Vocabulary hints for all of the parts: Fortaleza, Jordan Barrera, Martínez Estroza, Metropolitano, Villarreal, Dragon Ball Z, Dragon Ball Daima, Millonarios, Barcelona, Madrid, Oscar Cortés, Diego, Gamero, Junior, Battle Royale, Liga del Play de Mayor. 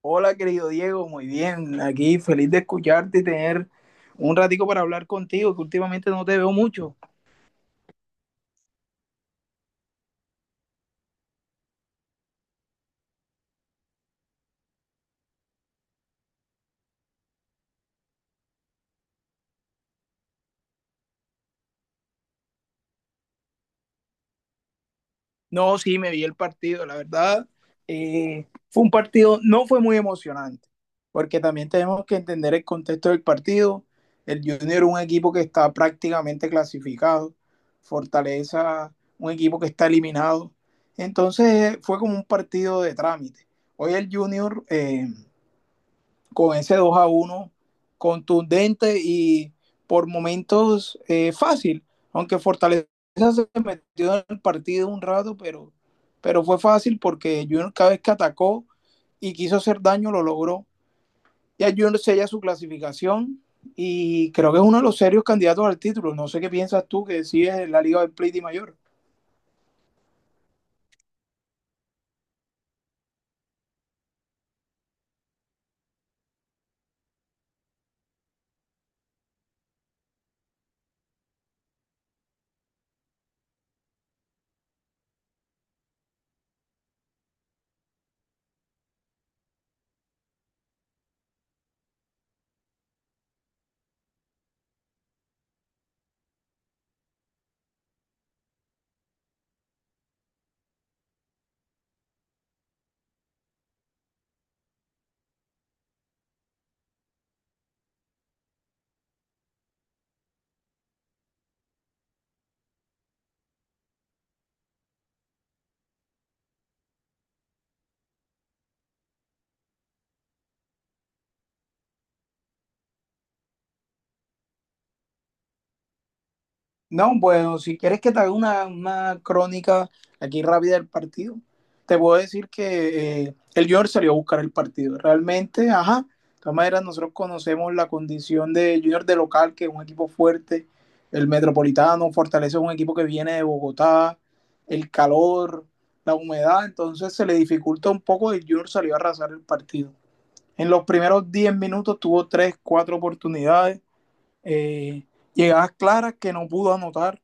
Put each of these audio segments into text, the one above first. Hola, querido Diego, muy bien. Aquí feliz de escucharte y tener un ratico para hablar contigo, que últimamente no te veo mucho. No, sí, me vi el partido, la verdad. Fue un partido, no fue muy emocionante, porque también tenemos que entender el contexto del partido. El Junior es un equipo que está prácticamente clasificado, Fortaleza, un equipo que está eliminado. Entonces fue como un partido de trámite. Hoy el Junior, con ese 2 a uno contundente y por momentos fácil, aunque Fortaleza se metió en el partido un rato, pero fue fácil porque Junior cada vez que atacó y quiso hacer daño lo logró. Ya Junior sella su clasificación y creo que es uno de los serios candidatos al título. No sé qué piensas tú que sí es la Liga del Play de Mayor. No, bueno, si quieres que te haga una crónica aquí rápida del partido, te puedo decir que el Junior salió a buscar el partido. Realmente, ajá, de todas maneras nosotros conocemos la condición de Junior de local, que es un equipo fuerte, el Metropolitano, Fortaleza es un equipo que viene de Bogotá, el calor, la humedad, entonces se le dificulta un poco y el Junior salió a arrasar el partido. En los primeros 10 minutos tuvo 3, 4 oportunidades, eh, llegadas claras que no pudo anotar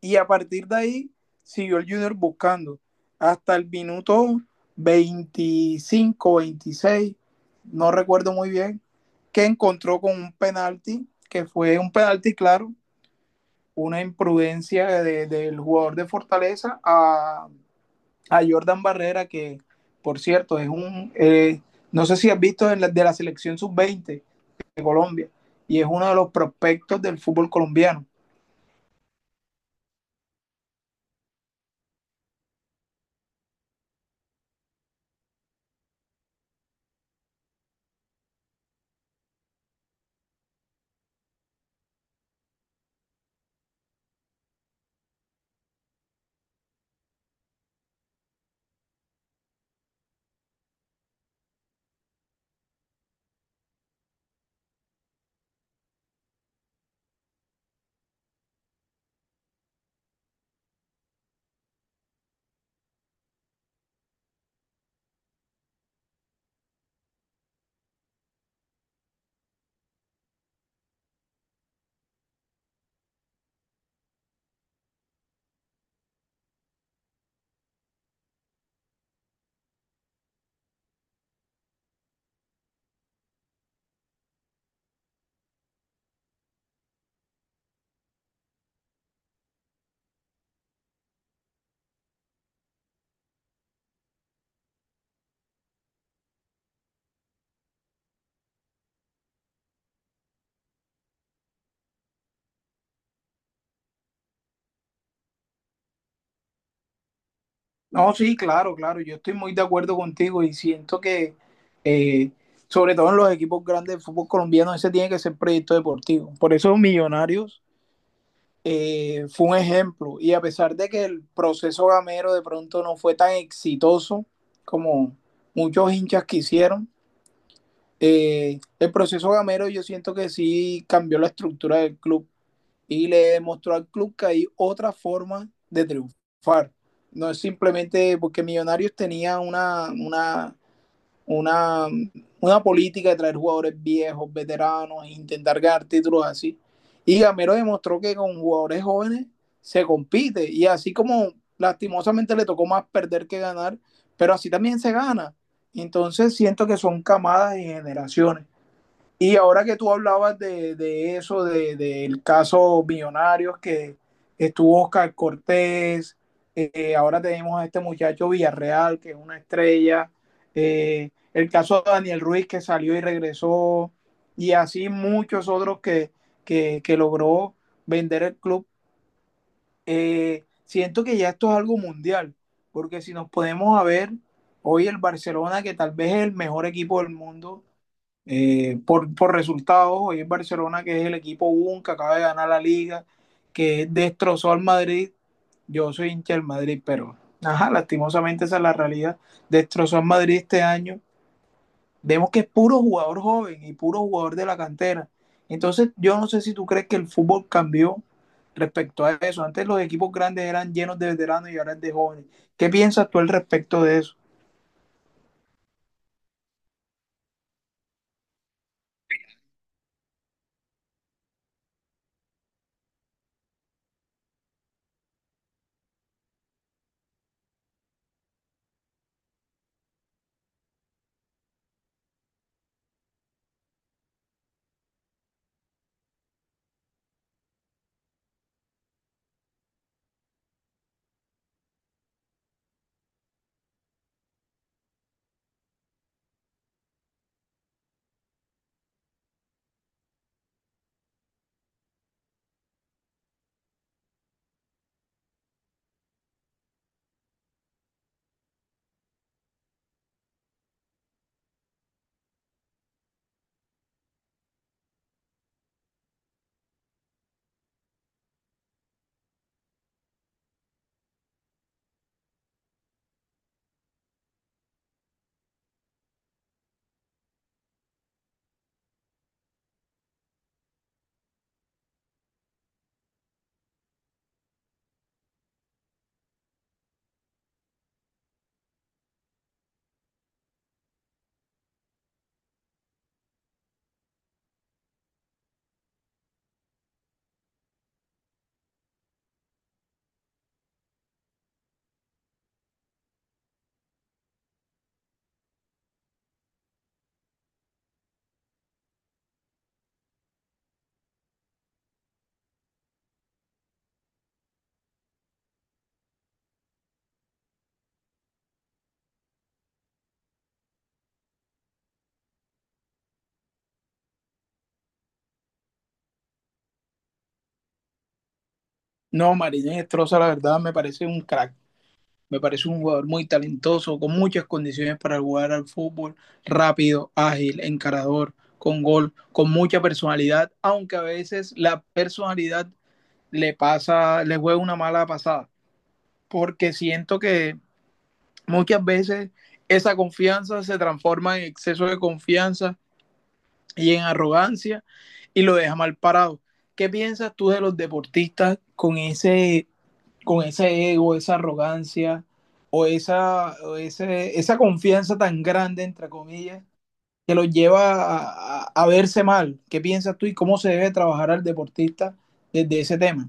y a partir de ahí siguió el Junior buscando hasta el minuto 25, 26, no recuerdo muy bien, que encontró con un penalti, que fue un penalti, claro, una imprudencia del jugador de Fortaleza a Jordan Barrera, que por cierto es un, no sé si has visto en de la selección sub-20 Colombia, y es uno de los prospectos del fútbol colombiano. No, sí, claro, claro, yo estoy muy de acuerdo contigo y siento que, eh, sobre todo en los equipos grandes de fútbol colombiano, ese tiene que ser proyecto deportivo. Por eso Millonarios fue un ejemplo y a pesar de que el proceso gamero de pronto no fue tan exitoso como muchos hinchas quisieron, el proceso gamero yo siento que sí cambió la estructura del club y le demostró al club que hay otra forma de triunfar. No es simplemente porque Millonarios tenía una, una política de traer jugadores viejos, veteranos, e intentar ganar títulos así. Y Gamero demostró que con jugadores jóvenes se compite y así como lastimosamente le tocó más perder que ganar, pero así también se gana. Entonces siento que son camadas y generaciones. Y ahora que tú hablabas de eso, del caso Millonarios, que estuvo Oscar Cortés, ahora tenemos a este muchacho Villarreal, que es una estrella, el caso de Daniel Ruiz, que salió y regresó, y así muchos otros que logró vender el club. Siento que ya esto es algo mundial, porque si nos podemos a ver, hoy el Barcelona, que tal vez es el mejor equipo del mundo, por resultados, hoy el Barcelona, que es el equipo UN, que acaba de ganar la liga, que destrozó al Madrid. Yo soy hincha del Madrid, pero ajá, lastimosamente esa es la realidad. Destrozó al Madrid este año. Vemos que es puro jugador joven y puro jugador de la cantera. Entonces, yo no sé si tú crees que el fútbol cambió respecto a eso. Antes los equipos grandes eran llenos de veteranos y ahora es de jóvenes. ¿Qué piensas tú al respecto de eso? No, Marínez Estroza, la verdad, me parece un crack. Me parece un jugador muy talentoso, con muchas condiciones para jugar al fútbol, rápido, ágil, encarador, con gol, con mucha personalidad, aunque a veces la personalidad le pasa, le juega una mala pasada, porque siento que muchas veces esa confianza se transforma en exceso de confianza y en arrogancia y lo deja mal parado. ¿Qué piensas tú de los deportistas con ese ego, esa arrogancia o esa confianza tan grande, entre comillas, que los lleva a verse mal? ¿Qué piensas tú y cómo se debe trabajar al deportista desde ese tema?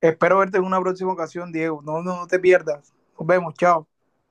Espero verte en una próxima ocasión, Diego. No, no, no te pierdas. Nos vemos, chao.